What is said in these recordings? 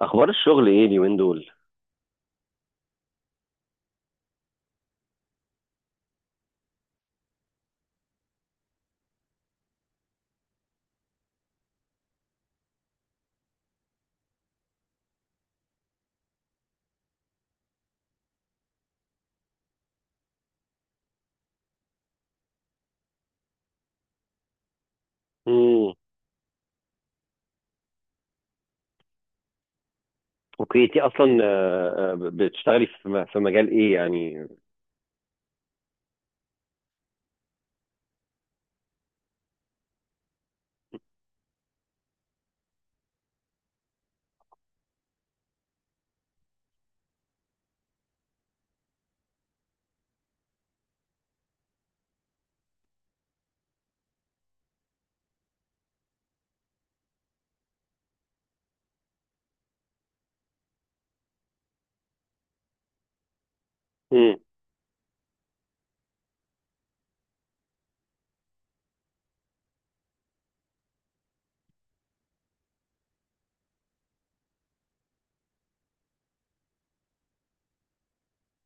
اخبار الشغل ايه اليومين دول؟ امم اوكي، انت اصلا بتشتغلي في في مجال ايه يعني؟ امم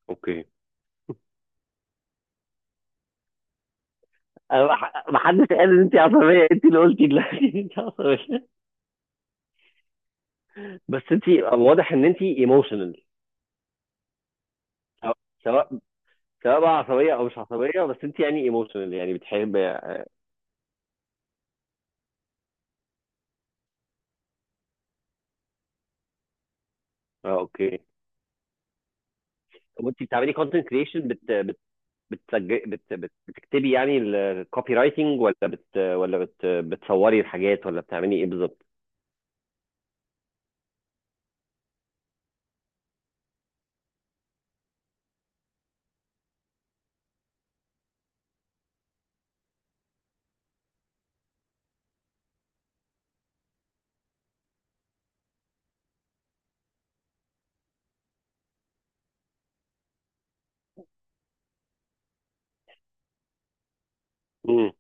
اوكي. أنا ما حدش قال ان انت عصبيه، انت اللي قلتي دلوقتي ان انت عصبيه. بس انت واضح ان انت ايموشنال. سواء سواء بقى عصبيه او مش عصبيه، بس انت يعني ايموشنال، يعني بتحب، اه. اوكي، طب انت بتعملي كونتنت كريشن، بت بت بتسجل، بت بت بتكتبي يعني الكوبي رايتنج، ولا بت ولا بت بتصوري الحاجات، ولا بتعملي ايه بالظبط؟ امم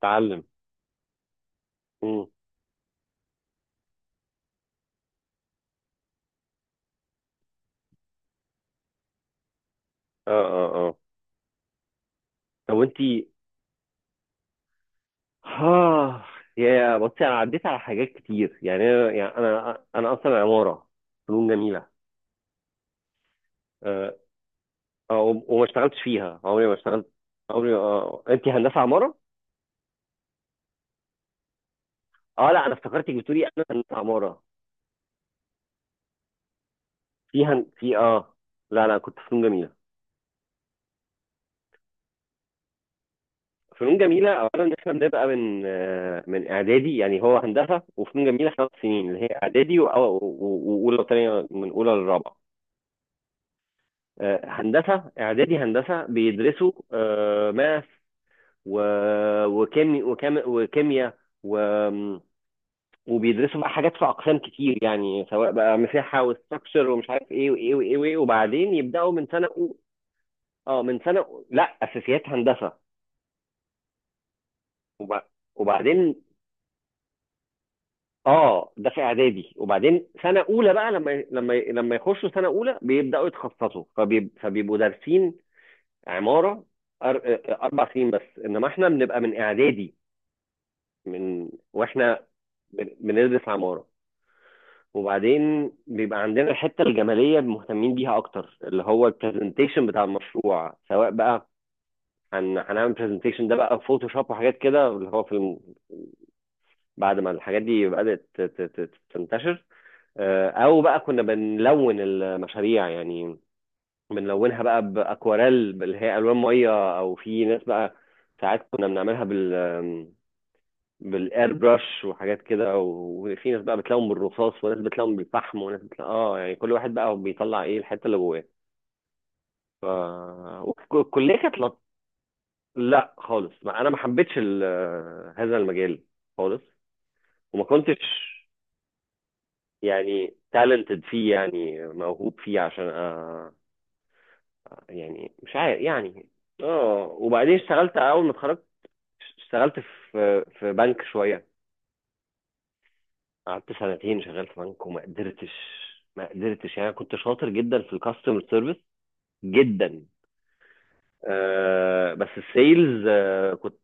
تعلم. مم. اه اه اه. طب انت، ها. يا بصي، انا عديت على حاجات كتير، يعني انا اصلا عماره، فنون جميله. آه. وما اشتغلتش فيها، عمري ما اشتغلت عمري. انت هندسه عماره؟ اه لا، انا افتكرتك بتقولي انا هندسه عماره. في هن... في اه لا لا، كنت فنون جميله. فنون جميله اولا، احنا بنبقى من من اعدادي. يعني هو هندسه وفنون جميله 5 سنين، اللي هي اعدادي واولى وثانيه، من اولى للرابعه. هندسه اعدادي، هندسه بيدرسوا ماث وكيمياء، وبيدرسوا بقى حاجات في اقسام كتير، يعني سواء بقى مساحه وستراكشر ومش عارف ايه وايه وايه وايه، وبعدين يبداوا من سنه أو... اه من سنه أو... لا، اساسيات هندسه. وب... وبعدين اه، ده في اعدادي. وبعدين سنه اولى بقى، لما يخشوا سنه اولى بيبداوا يتخصصوا، فبيبقوا دارسين عماره. أر... آه، 4 سنين بس، انما احنا بنبقى من اعدادي، من واحنا بندرس عمارة. وبعدين بيبقى عندنا الحتة الجمالية مهتمين بيها أكتر، اللي هو البرزنتيشن بتاع المشروع، سواء بقى هنعمل برزنتيشن ده بقى فوتوشوب وحاجات كده، اللي هو في بعد ما الحاجات دي بدأت تنتشر. أو بقى كنا بنلون المشاريع يعني، بنلونها بقى بأكواريل اللي هي ألوان مية. أو في ناس بقى ساعات كنا بنعملها بالاير برش وحاجات كده. وفي ناس بقى بتلاقيهم بالرصاص، وناس بتلاقيهم بالفحم، وناس بتلاقي اه، يعني كل واحد بقى بيطلع ايه الحته اللي جواه. ف والكليه كانت لا خالص، ما انا ما حبيتش هذا المجال خالص. وما كنتش يعني تالنتد فيه، يعني موهوب فيه، عشان يعني مش عارف يعني. اه، وبعدين اشتغلت اول ما اتخرجت. اشتغلت في بنك شويه. قعدت سنتين شغال في بنك، وما قدرتش. ما قدرتش يعني، كنت شاطر جدا في الكاستمر سيرفيس، جدا. آه، بس السيلز آه، كنت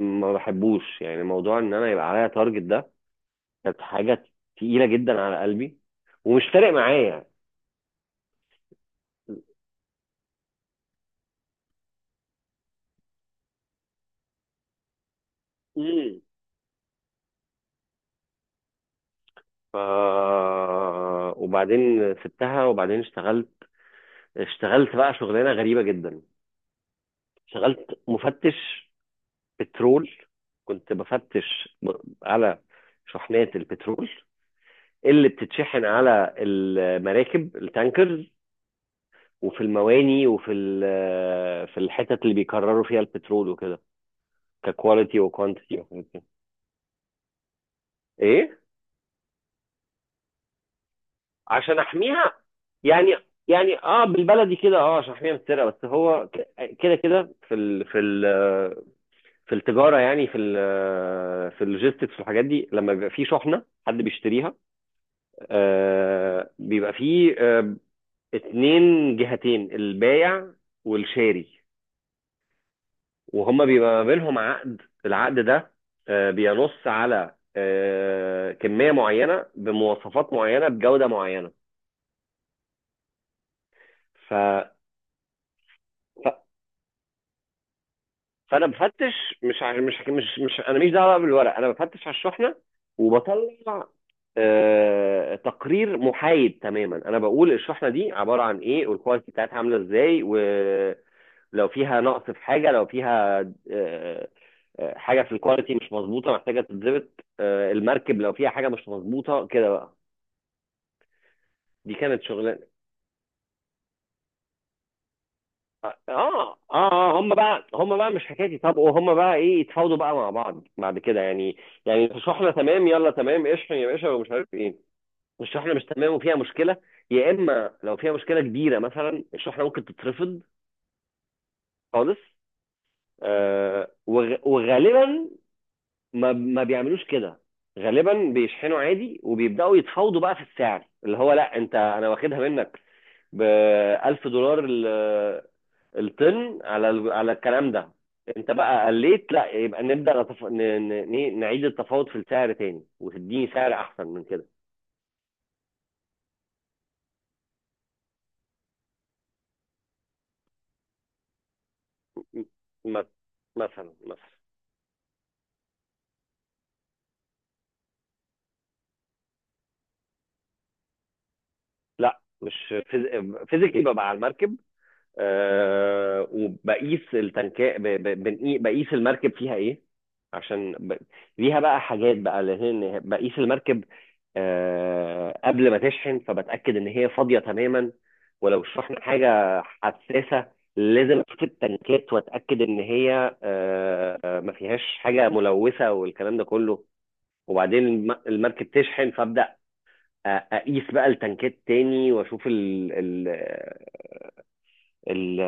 ما بحبوش، يعني موضوع ان انا يبقى عليا تارجت، ده كانت حاجه تقيله جدا على قلبي، ومش فارق معايا. مم. ف وبعدين سبتها. وبعدين اشتغلت، اشتغلت بقى شغلانه غريبه جدا. اشتغلت مفتش بترول. كنت بفتش على شحنات البترول اللي بتتشحن على المراكب التانكرز، وفي المواني، وفي في الحتت اللي بيكرروا فيها البترول وكده، ككواليتي وكوانتيتي وحاجات كده. ايه، عشان احميها يعني. يعني اه، بالبلدي كده، اه، عشان احميها من السرقه. بس هو كده كده، في ال في ال في التجاره، يعني في اللوجيستكس والحاجات دي، لما بيبقى في شحنه حد بيشتريها، آه بيبقى فيه آه، اتنين جهتين، البايع والشاري. وهما بيبقى ما بينهم عقد. العقد ده آه بينص على آه، كمية معينة بمواصفات معينة بجودة معينة. ف... ف... فأنا بفتش، مش ع- مش مش مش أنا مش دعوة بقى بالورق، أنا بفتش على الشحنة، وبطلع تقرير محايد تماما. انا بقول الشحنه دي عباره عن ايه، والكواليتي بتاعتها عامله ازاي، و... لو فيها نقص في حاجه، لو فيها آه، حاجه في الكواليتي مش مظبوطه محتاجه تتظبط، المركب لو فيها حاجه مش مظبوطه كده بقى. دي كانت شغلانه. اه اه اه، هم بقى مش حكايتي. طب وهم بقى ايه؟ يتفاوضوا بقى مع بعض بعد كده يعني. يعني تشرحنا تمام، يلا تمام اشحن يا باشا ومش عارف ايه. الشحنه مش تمام وفيها مشكله، يا اما لو فيها مشكله كبيره مثلا الشحنه ممكن تترفض خالص. وغالبا ما بيعملوش كده. غالبا بيشحنوا عادي وبيبداوا يتفاوضوا بقى في السعر، اللي هو لا انت انا واخدها منك ب 1000 دولار الطن على على الكلام ده. انت بقى قليت لا، يبقى نبدا نتف... ن... ن... ن- نعيد التفاوض في السعر تاني وتديني سعر احسن من كده. م- مثلا مثلا. لا، مش فيزيكلي، ببقى على المركب. آه وبقيس التنكات، بقيس المركب فيها ايه. عشان ليها بقى حاجات بقى، لان بقيس المركب آه قبل ما تشحن فبتاكد ان هي فاضيه تماما. ولو الشحن حاجه حساسه لازم اشوف التنكات واتاكد ان هي آه ما فيهاش حاجه ملوثه والكلام ده كله. وبعدين المركب تشحن، فابدا اقيس بقى التنكات تاني واشوف ال-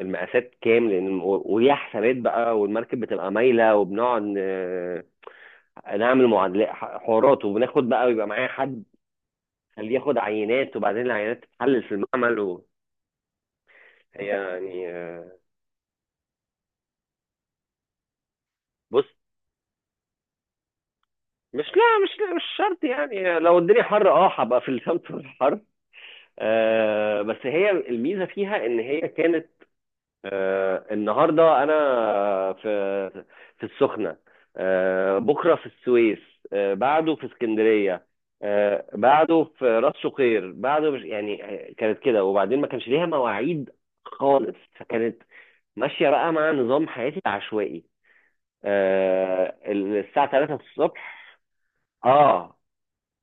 المقاسات كام، لان وليها حسابات بقى، والمركب بتبقى مايله، وبنقعد نعمل معادلات حوارات، وبناخد بقى، ويبقى معايا حد اللي ياخد عينات، وبعدين العينات تتحلل في المعمل وهي يعني بص، مش شرط يعني، لو الدنيا حر اه هبقى في الشمس في الحر. بس هي الميزه فيها ان هي كانت، النهارده انا في السخنه، بكره في السويس، بعده في اسكندريه، بعده في راس شقير، بعده مش يعني. كانت كده، وبعدين ما كانش ليها مواعيد خالص، فكانت ماشيه بقى مع نظام حياتي العشوائي. الساعه 3 الصبح. اه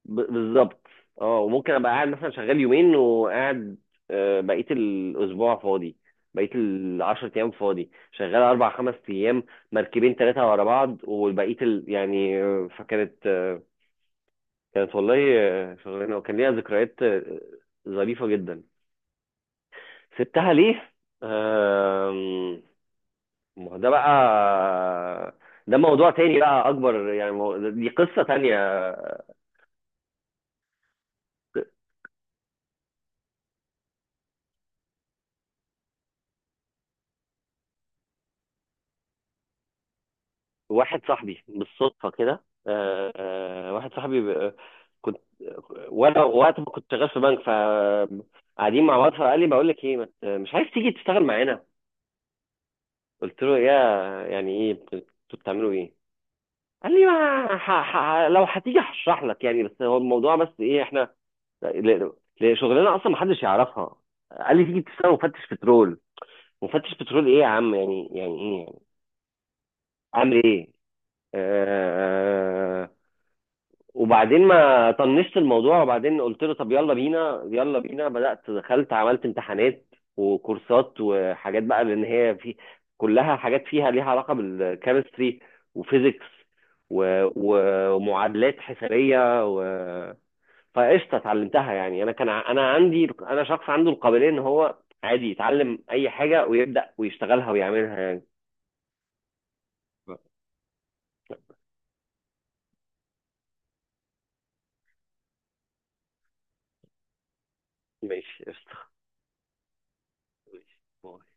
بالظبط. اه وممكن ابقى قاعد مثلا شغال يومين وقاعد بقيه الاسبوع فاضي، بقيه ال10 ايام فاضي، شغال اربع خمس ايام، مركبين ثلاثه ورا بعض والبقيه يعني فكانت كانت والله شغلانه، وكان ليها ذكريات ظريفه جدا. سبتها ليه؟ آم، ما هو ده بقى، ده موضوع تاني بقى اكبر يعني، دي قصه تانيه. واحد صاحبي بالصدفه كده، واحد صاحبي كنت وانا وقت ما كنت شغال في بنك، فقاعدين مع بعض، فقال لي بقول لك ايه، ما مش عايز تيجي تشتغل معانا؟ قلت له يا، يعني ايه؟ انتوا بتعملوا ايه؟ قال لي ما لو هتيجي هشرح لك يعني، بس هو الموضوع بس ايه؟ احنا ل... شغلنا اصلا ما حدش يعرفها. قال لي تيجي تشتغل مفتش بترول. مفتش بترول ايه يا عم، يعني يعني ايه يعني، اعمل ايه؟ آه، آه، آه، وبعدين ما طنشت الموضوع، وبعدين قلت له طب يلا بينا يلا بينا، بدأت دخلت عملت امتحانات وكورسات وحاجات بقى، لان هي في كلها حاجات فيها ليها علاقة بالكيمستري وفيزيكس ومعادلات حسابية و. فقشطة اتعلمتها يعني. انا كان انا عندي، انا شخص عنده القابلية ان هو عادي يتعلم اي حاجة ويبدأ ويشتغلها ويعملها يعني. ماشي قشطة. ماشي.